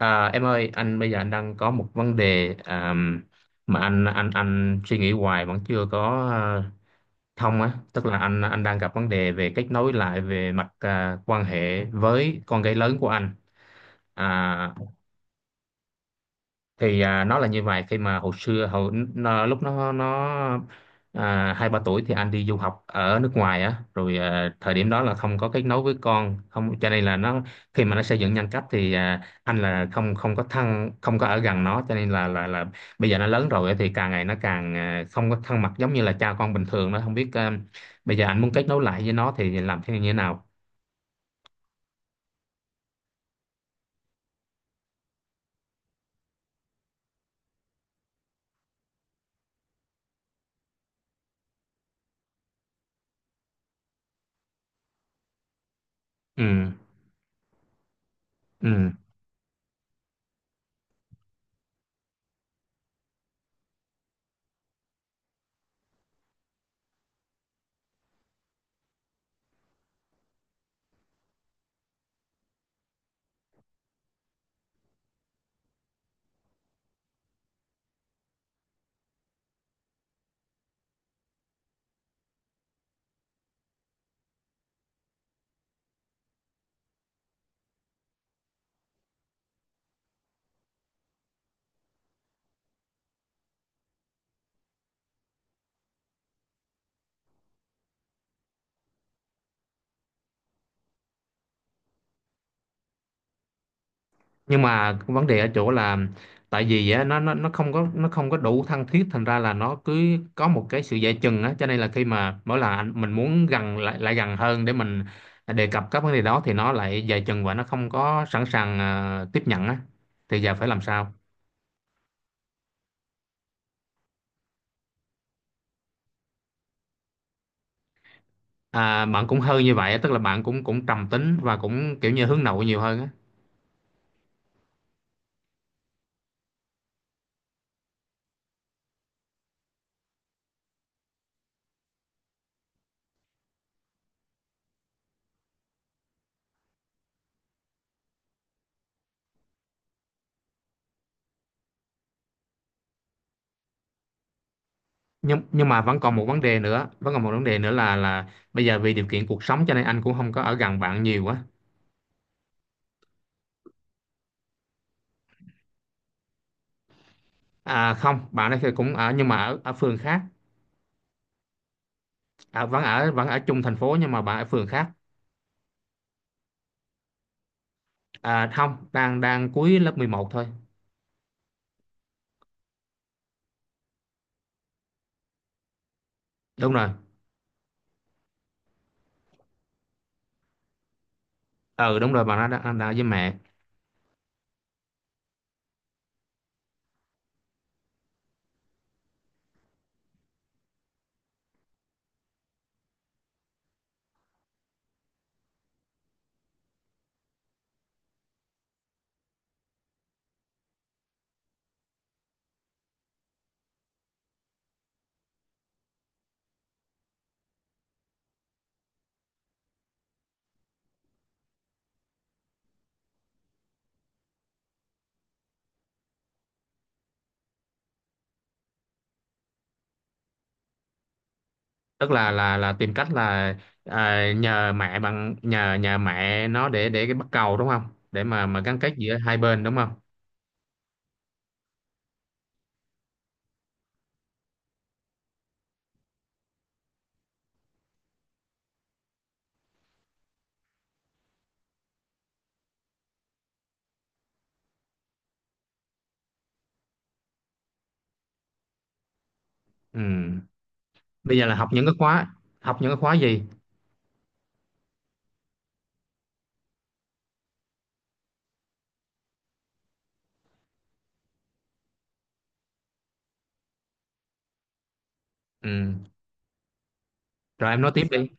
À, em ơi, anh bây giờ đang có một vấn đề, mà anh suy nghĩ hoài vẫn chưa thông á. Tức là anh đang gặp vấn đề về kết nối lại về mặt, quan hệ với con gái lớn của anh. À, thì nó là như vậy: khi mà hồi xưa hồi nó, lúc nó 2 3 tuổi thì anh đi du học ở nước ngoài á, rồi thời điểm đó là không có kết nối với con, không cho nên là nó khi mà nó xây dựng nhân cách thì, anh là không không có thân, không có ở gần nó, cho nên là bây giờ nó lớn rồi á, thì càng ngày nó càng, không có thân mật giống như là cha con bình thường, nó không biết. Bây giờ anh muốn kết nối lại với nó thì làm thế như thế nào? Ừ. Ừ, nhưng mà vấn đề ở chỗ là tại vì á, nó không có, nó không có đủ thân thiết, thành ra là nó cứ có một cái sự dè chừng á, cho nên là khi mà mỗi lần mình muốn gần lại lại gần hơn để mình đề cập các vấn đề đó thì nó lại dè chừng và nó không có sẵn sàng tiếp nhận á, thì giờ phải làm sao? À, bạn cũng hơi như vậy á, tức là bạn cũng cũng trầm tính và cũng kiểu như hướng nội nhiều hơn á. Nhưng mà vẫn còn một vấn đề nữa, vẫn còn một vấn đề nữa là bây giờ vì điều kiện cuộc sống cho nên anh cũng không có ở gần bạn nhiều á. À không, bạn ấy thì cũng ở nhưng mà ở ở phường khác. À, vẫn ở, vẫn ở chung thành phố nhưng mà bạn ở phường khác. À không, đang đang cuối lớp 11 thôi. Đúng rồi. Ừ đúng rồi, bạn nó đang, đang với mẹ. Tức là tìm cách là à, nhờ mẹ, bằng nhờ nhờ mẹ nó để cái bắt cầu, đúng không? Để mà gắn kết giữa hai bên, đúng không? Ừ. Bây giờ là học những cái khóa, học những cái khóa gì? Ừ. Rồi em nói tiếp đi.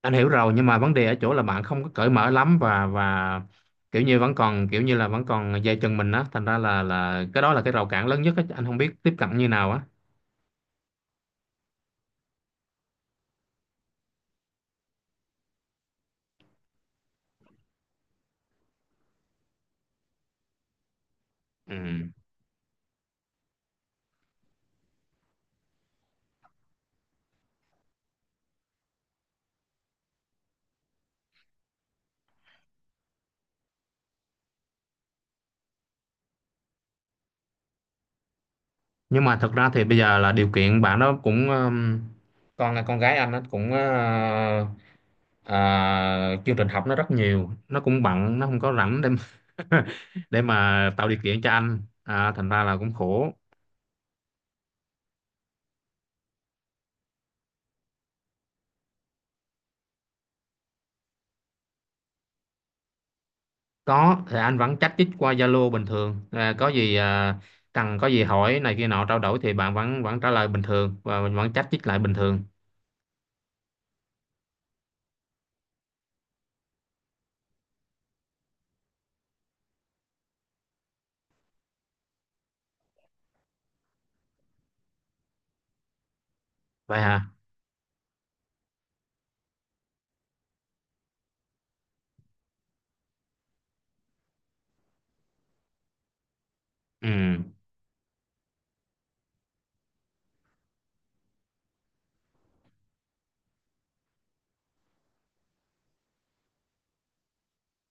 Anh hiểu rồi, nhưng mà vấn đề ở chỗ là bạn không có cởi mở lắm, và kiểu như vẫn còn, kiểu như là vẫn còn dây chân mình á, thành ra là cái đó là cái rào cản lớn nhất á, anh không biết tiếp cận như nào á. Ừ. Nhưng mà thật ra thì bây giờ là điều kiện bạn đó cũng, con gái anh nó cũng, chương trình học nó rất nhiều, nó cũng bận, nó không có rảnh để mà- để mà tạo điều kiện cho anh, thành ra là cũng khổ. Có, thì anh vẫn chat chít qua Zalo bình thường, có gì, cần có gì hỏi này kia nọ trao đổi thì bạn vẫn vẫn trả lời bình thường và mình vẫn chat chít lại bình thường. Vậy hả? Ừ.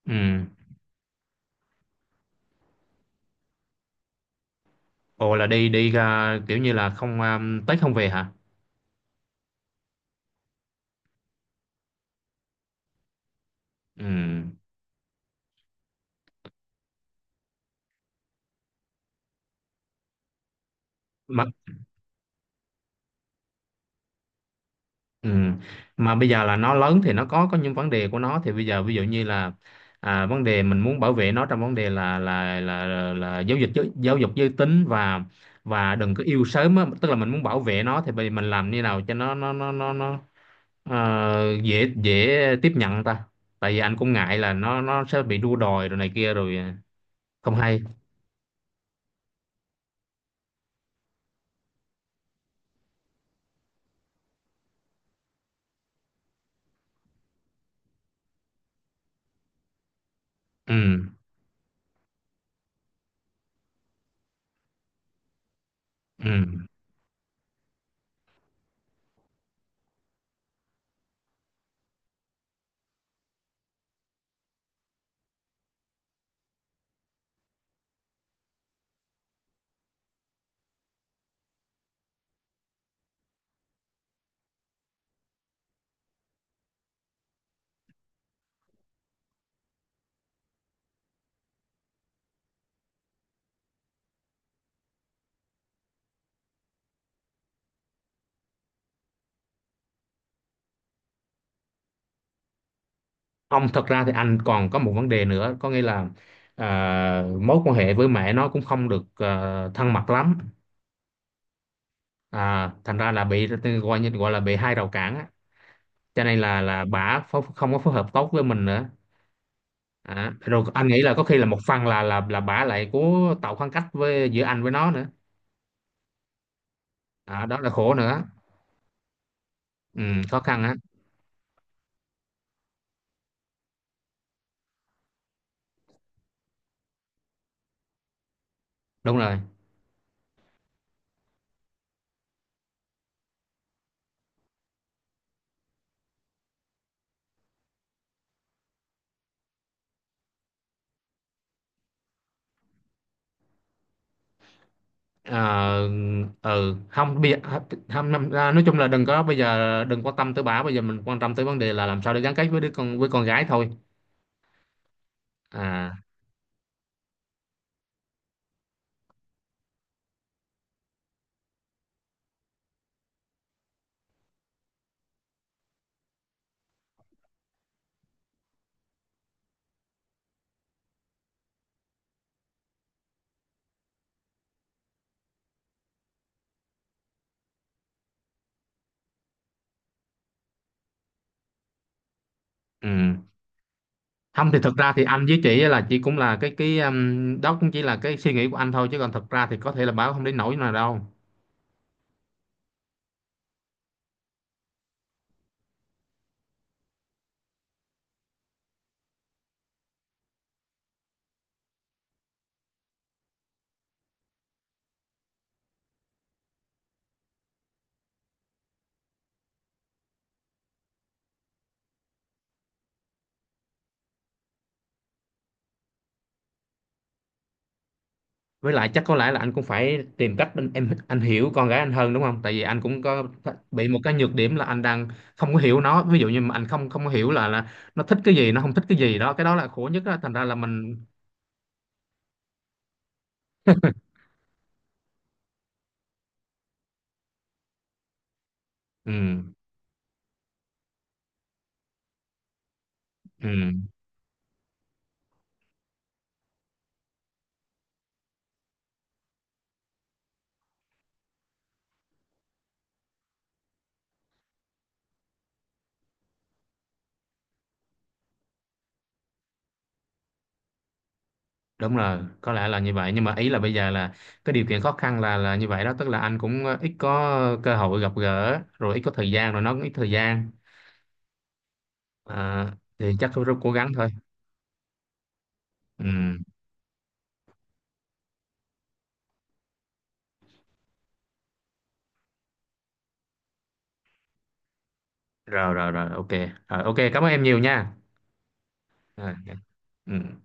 Ừ. Ồ, là đi đi à, kiểu như là không, tới không về hả? Ừ. Mà. Ừ. Mà bây giờ là nó lớn thì nó có những vấn đề của nó, thì bây giờ ví dụ như là, vấn đề mình muốn bảo vệ nó trong vấn đề là là giáo dục giới tính và đừng có yêu sớm á. Tức là mình muốn bảo vệ nó, thì bây giờ mình làm như nào cho nó dễ dễ tiếp nhận ta, tại vì anh cũng ngại là nó sẽ bị đua đòi rồi này kia rồi, không hay. Ừ. Ừ. Không, thật ra thì anh còn có một vấn đề nữa, có nghĩa là, à, mối quan hệ với mẹ nó cũng không được, thân mật lắm, thành ra là bị gọi, như gọi là bị hai rào cản á, cho nên là bả phó- không có phối hợp tốt với mình nữa. À, rồi anh nghĩ là có khi là một phần là bả lại cố tạo khoảng cách với giữa anh với nó nữa, à, đó là khổ nữa. Ừ, khó khăn á. Đúng rồi. Ờ. Ừ, không bây giờ, không năm- à, nói chung là đừng có, bây giờ đừng quan tâm tới bà, bây giờ mình quan tâm tới vấn đề là làm sao để gắn kết với đứa con, với con gái thôi. À. Ừ. Không thì thực ra thì anh với chị, là chị cũng là cái, đó cũng chỉ là cái suy nghĩ của anh thôi, chứ còn thực ra thì có thể là bà cũng không đến nỗi nào đâu. Với lại chắc có lẽ là anh cũng phải tìm cách, anh, em anh hiểu con gái anh hơn, đúng không, tại vì anh cũng có bị một cái nhược điểm là anh đang không có hiểu nó, ví dụ như mà anh không không có hiểu là nó thích cái gì, nó không thích cái gì đó, cái đó là khổ nhất đó. Thành ra là mình. Ừ. Ừ, đúng rồi, có lẽ là như vậy, nhưng mà ý là bây giờ là cái điều kiện khó khăn là như vậy đó, tức là anh cũng, ít có cơ hội gặp gỡ, rồi ít có thời gian, rồi nó cũng ít thời gian, à, thì chắc tôi rất cố gắng thôi. Ừ, rồi rồi rồi, ok, cảm ơn em nhiều nha. Rồi, ok. Ừ.